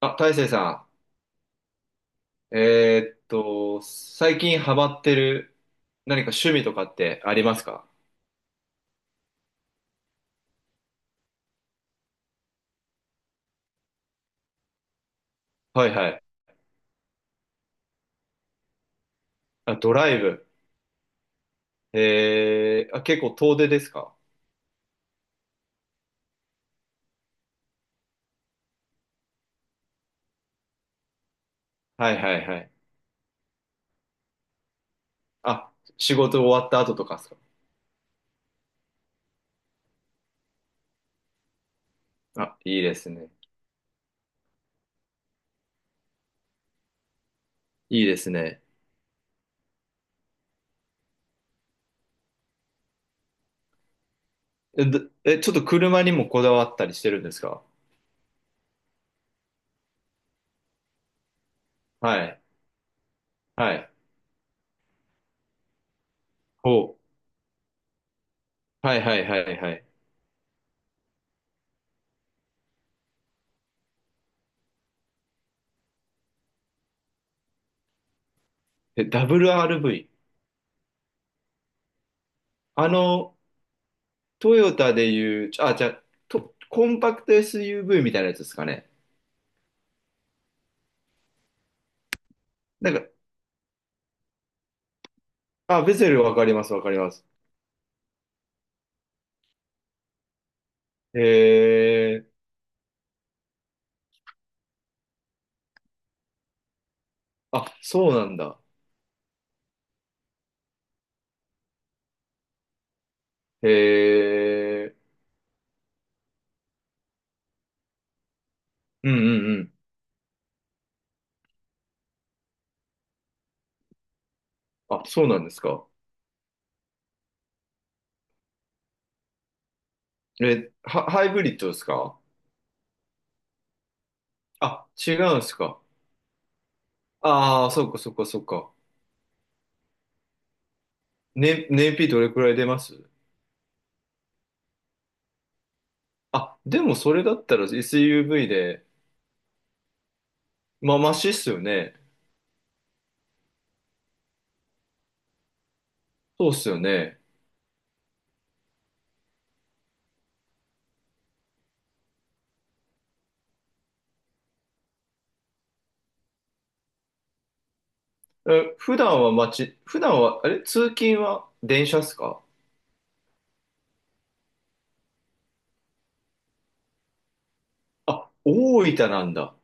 あ、大成さん、最近ハマってる何か趣味とかってありますか？はいはい。あ、ドライブ。えー、あ、結構遠出ですか？はいはいはい。あ、仕事終わった後とかですか？あ、いいですね。いいですね。え、どえ、ちょっと車にもこだわったりしてるんですか？はい。はい。ほう。はいはいはいはい。え、ダブル r v あの、トヨタでいう、あ、じゃあ、とコンパクト SUV みたいなやつですかね。なんか、あ、ベゼルわかります、わかります。へえ。あ、そうなんだ。へえ。うんうんうん。あ、そうなんですか。え、ハイブリッドですか？あ、違うんですか。ああ、そっかそっかそっか。ね、燃費どれくらい出ます？あ、でもそれだったら SUV で、まあ、マシっすよね。そうっすよね。え、普段は、あれ、通勤は電車っすか？あ、大分なんだ。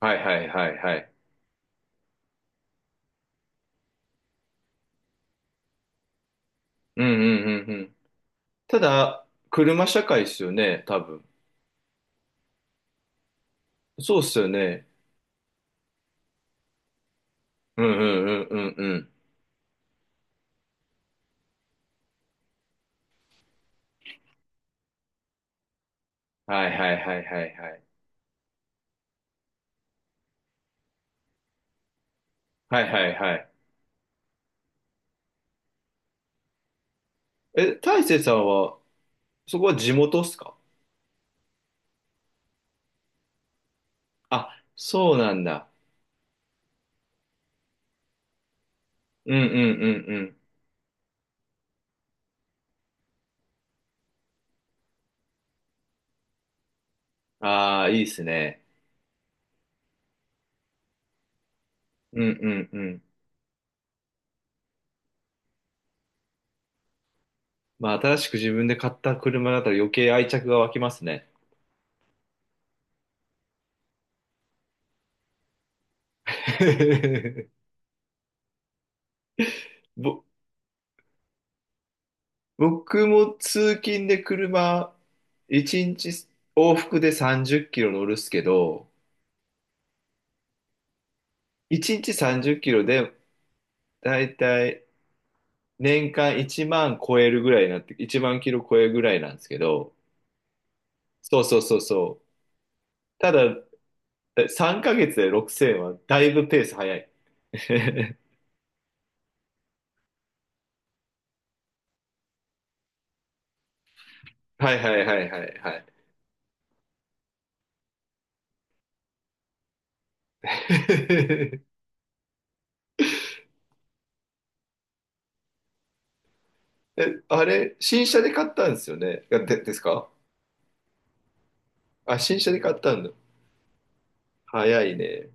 はいはいはいはい。うんうんうん。ただ、車社会ですよね、多分。そうっすよね。うんうんうんうんうん。はいはいはいはいはい。はいはいはい。え、大成さんは、そこは地元っすか？あ、そうなんだ。うんうんうんうん。ああ、いいっすね。うんうんうん。まあ、新しく自分で買った車だったら余計愛着が湧きますね。ぼ、僕も通勤で車、1日往復で30キロ乗るっすけど、1日30キロで、だいたい年間1万超えるぐらいになって、1万キロ超えるぐらいなんですけど、そうそうそうそう。ただ、3ヶ月で6000はだいぶペース早い。はいはいはいはいはい。え、あれ、新車で買ったんですよね。あで、ですか？あ、新車で買ったんだ。早いね。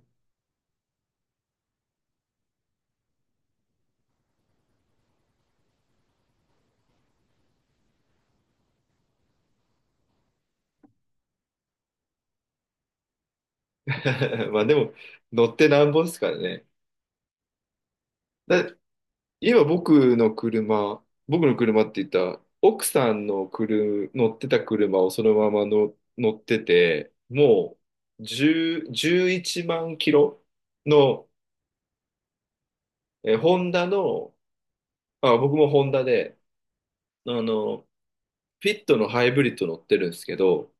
まあでも、乗ってなんぼですからね。だ、家は僕の車、僕の車って言ったら、奥さんの車、乗ってた車をそのままの乗ってて、もう10、1万キロの、ホンダの、あ、僕もホンダで、あの、フィットのハイブリッド乗ってるんですけど、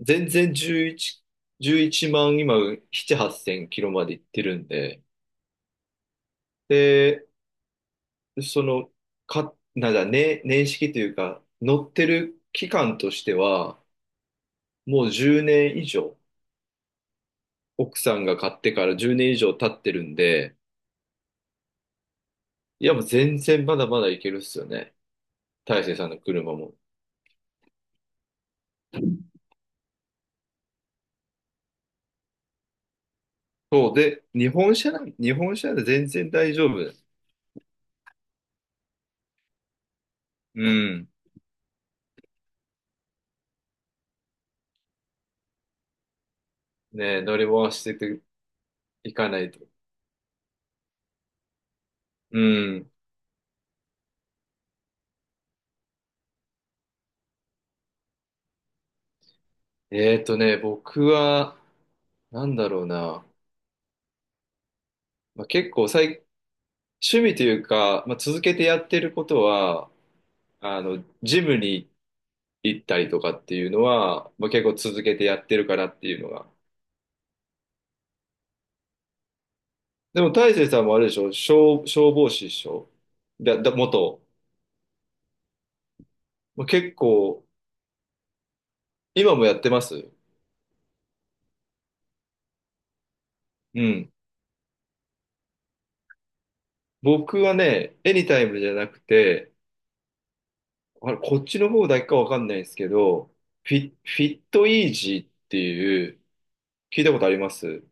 全然11、11万、今、7、8千キロまで行ってるんで、で、その、か、なんだ、ね、年式というか、乗ってる期間としては、もう10年以上、奥さんが買ってから10年以上経ってるんで、いやもう全然まだまだいけるっすよね。大成さんの車も。そうで、日本車で全然大丈夫。うん。ねえ、乗り回してていかないと。うん。ね、僕は、なんだろうな。まあ、結構最、趣味というか、まあ、続けてやってることは、あの、ジムに行ったりとかっていうのは、まあ、結構続けてやってるかなっていうのが。でも大成さんもあれでしょ、消防士でしょ？元。まあ結構、今もやってます？うん。僕はね、エニタイムじゃなくて、あれ、こっちの方だけかわかんないですけど、フィットイージーっていう、聞いたことあります？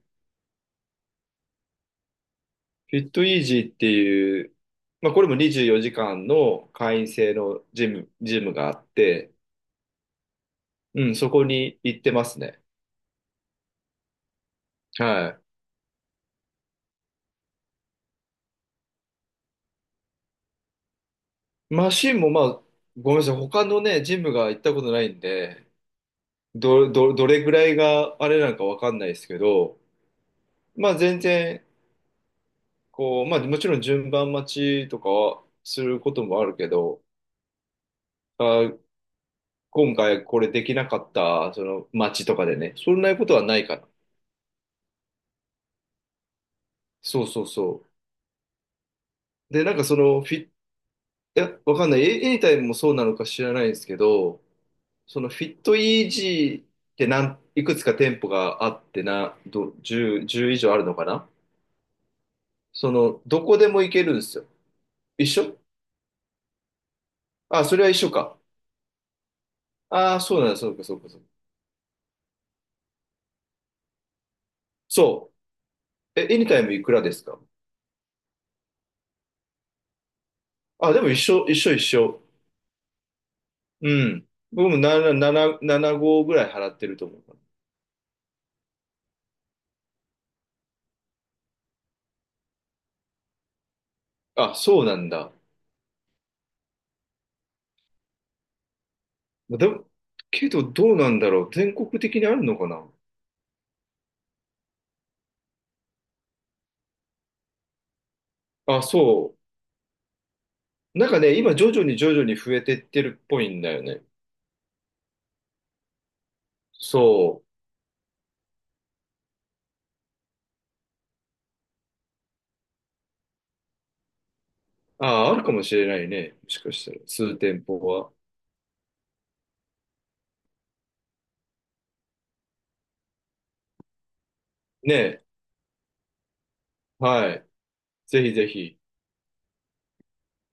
フィットイージーっていう、まあこれも24時間の会員制のジムがあって、うん、そこに行ってますね。はい。マシンもまあ、ごめんなさい、他のね、ジムが行ったことないんで、どれぐらいがあれなのかわかんないですけど、まあ全然、こう、まあもちろん順番待ちとかはすることもあるけど、あ、今回これできなかった、その待ちとかでね、そんなことはないから。そうそうそう。で、なんかそのいや、わかんない。エニタイムもそうなのか知らないんですけど、そのフィットイージーっていくつか店舗があってな、10、じゅう以上あるのかな？その、どこでも行けるんですよ。一緒。あ、それは一緒か。ああ、そうなんだ、そうか、そうか、そうか。そう。エニタイムいくらですか？あ、でも一緒、一緒、一緒。うん。僕も7、7、75ぐらい払ってると思う。あ、そうなんだ。でも、けどどうなんだろう。全国的にあるのかな？あ、そう。なんかね、今徐々に徐々に増えてってるっぽいんだよね。そう。ああ、あるかもしれないね。もしかしたら、数店舗は。ねえ。はい。ぜひぜひ。